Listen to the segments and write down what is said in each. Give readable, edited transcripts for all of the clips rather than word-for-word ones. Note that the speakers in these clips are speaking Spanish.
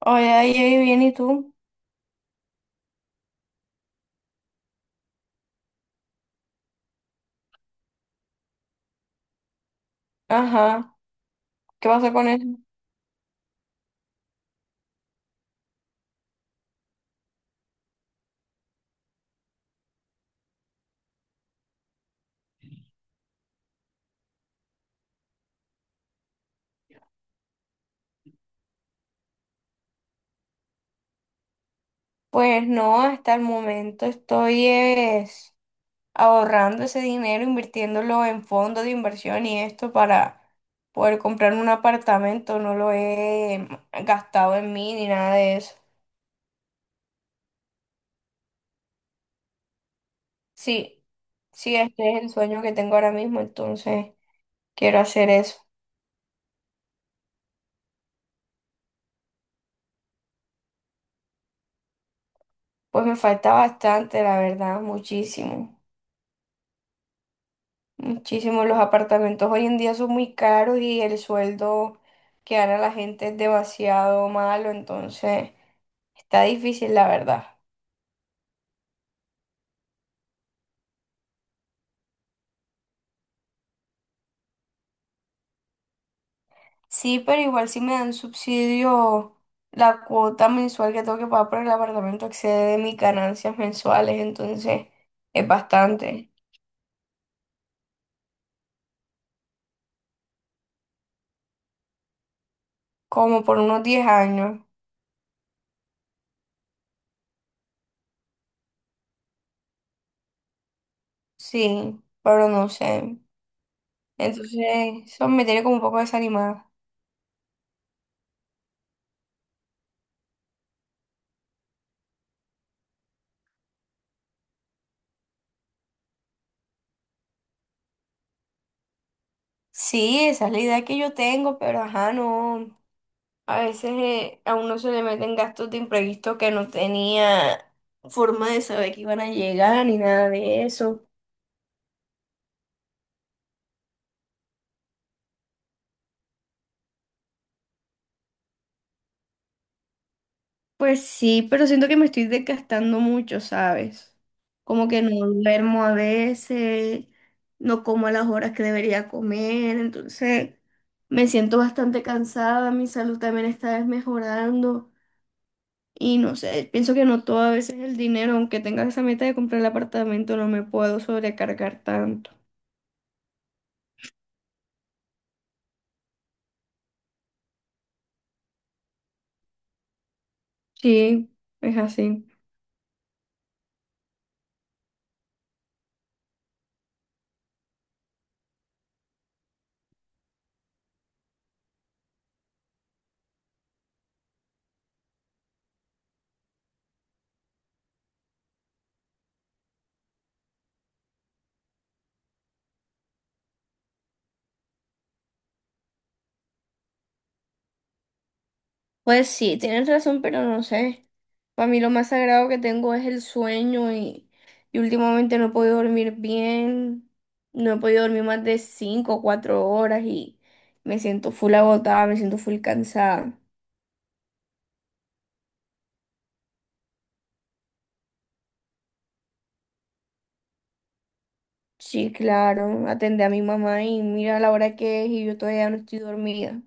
Hola, ahí bien, ¿y tú? Ajá, ¿qué pasa con eso? Pues no, hasta el momento estoy es, ahorrando ese dinero, invirtiéndolo en fondos de inversión y esto para poder comprar un apartamento. No lo he gastado en mí ni nada de eso. Sí, sí, Este es el sueño que tengo ahora mismo, entonces quiero hacer eso. Pues me falta bastante, la verdad, muchísimo. Muchísimo, los apartamentos hoy en día son muy caros y el sueldo que gana la gente es demasiado malo, entonces está difícil, la verdad. Sí, pero igual si me dan subsidio, la cuota mensual que tengo que pagar por el apartamento excede de mis ganancias mensuales, entonces es bastante, como por unos 10 años, sí, pero no sé. Entonces, eso me tiene como un poco desanimada. Sí, esa es la idea que yo tengo, pero ajá, no. A veces a uno se le meten gastos de imprevisto que no tenía forma de saber que iban a llegar ni nada de eso. Pues sí, pero siento que me estoy desgastando mucho, ¿sabes? Como que no duermo a veces, no como a las horas que debería comer, entonces me siento bastante cansada, mi salud también está desmejorando y no sé, pienso que no todo a veces el dinero, aunque tenga esa meta de comprar el apartamento, no me puedo sobrecargar tanto. Sí, es así. Pues sí, tienes razón, pero no sé. Para mí lo más sagrado que tengo es el sueño y últimamente no he podido dormir bien. No he podido dormir más de 5 o 4 horas y me siento full agotada, me siento full cansada. Sí, claro, atendí a mi mamá y mira la hora que es y yo todavía no estoy dormida.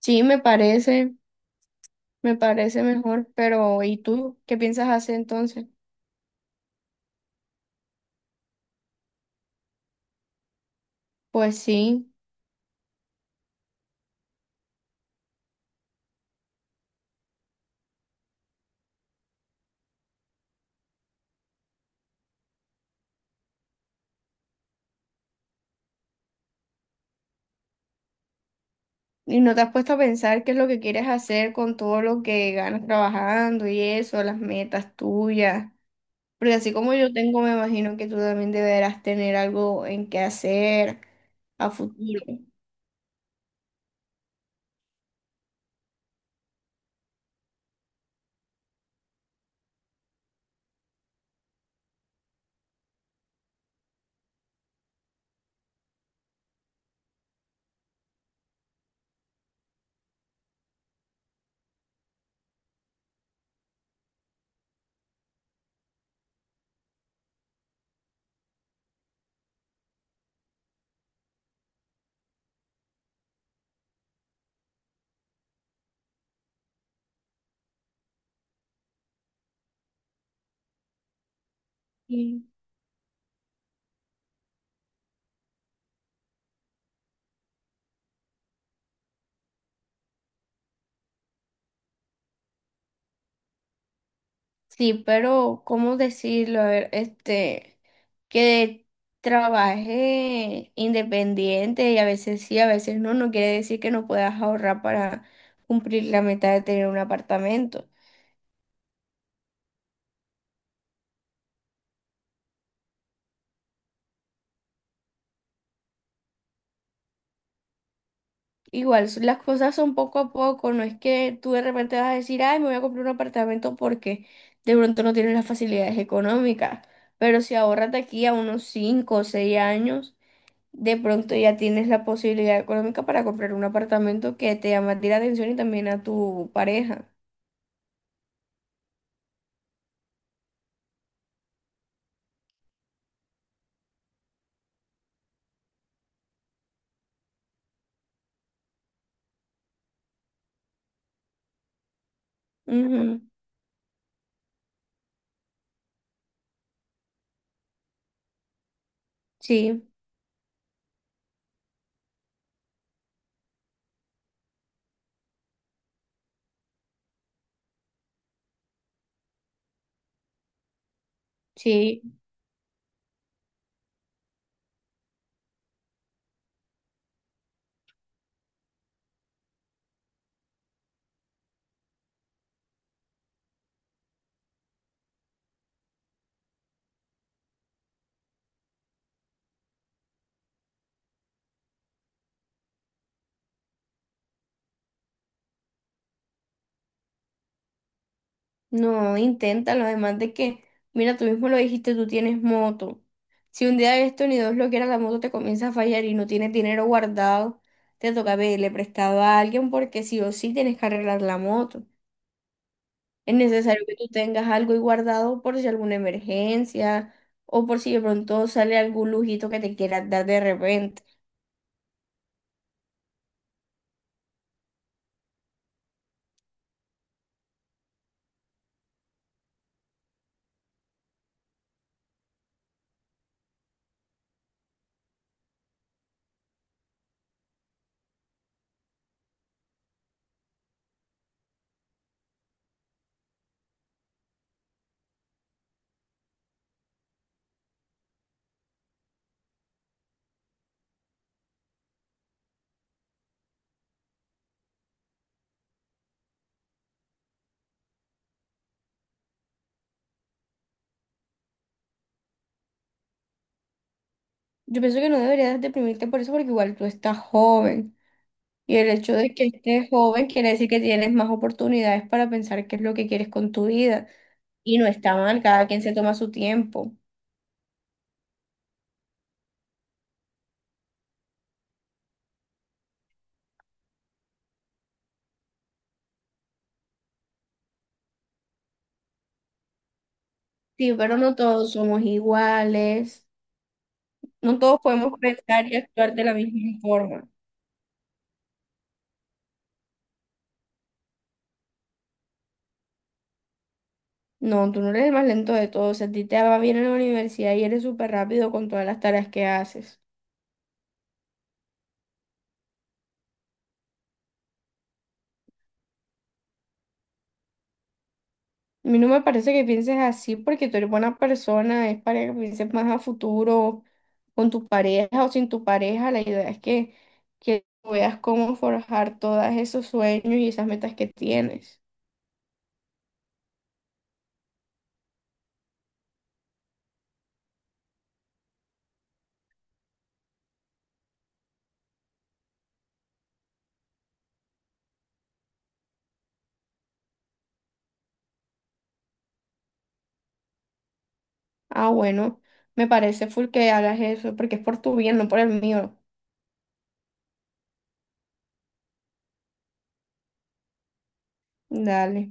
Sí, me parece mejor, pero ¿y tú qué piensas hacer entonces? Pues sí. ¿Y no te has puesto a pensar qué es lo que quieres hacer con todo lo que ganas trabajando y eso, las metas tuyas? Porque así como yo tengo, me imagino que tú también deberás tener algo en qué hacer a futuro. Sí. Sí, pero ¿cómo decirlo? A ver, este, que trabaje independiente y a veces sí, a veces no, no quiere decir que no puedas ahorrar para cumplir la meta de tener un apartamento. Igual, las cosas son poco a poco, no es que tú de repente vas a decir, ay, me voy a comprar un apartamento porque de pronto no tienes las facilidades económicas, pero si ahorras de aquí a unos 5 o 6 años, de pronto ya tienes la posibilidad económica para comprar un apartamento que te llama a ti la atención y también a tu pareja. Ujú. Sí, sí. No, inténtalo, además de que, mira, tú mismo lo dijiste, tú tienes moto. Si un día de esto, ni Dios lo quiera, la moto te comienza a fallar y no tienes dinero guardado, te toca pedirle prestado a alguien porque sí o sí tienes que arreglar la moto. Es necesario que tú tengas algo ahí guardado por si alguna emergencia o por si de pronto sale algún lujito que te quieras dar de repente. Yo pienso que no deberías deprimirte por eso porque igual tú estás joven. Y el hecho de que estés joven quiere decir que tienes más oportunidades para pensar qué es lo que quieres con tu vida. Y no está mal, cada quien se toma su tiempo. Sí, pero no todos somos iguales. No todos podemos pensar y actuar de la misma forma. No, tú no eres el más lento de todos. Si a ti te va bien en la universidad y eres súper rápido con todas las tareas que haces. A mí no me parece que pienses así porque tú eres buena persona, es para que pienses más a futuro, con tu pareja o sin tu pareja. La idea es que veas cómo forjar todos esos sueños y esas metas que tienes. Ah, bueno, me parece full que hagas eso porque es por tu bien, no por el mío. Dale.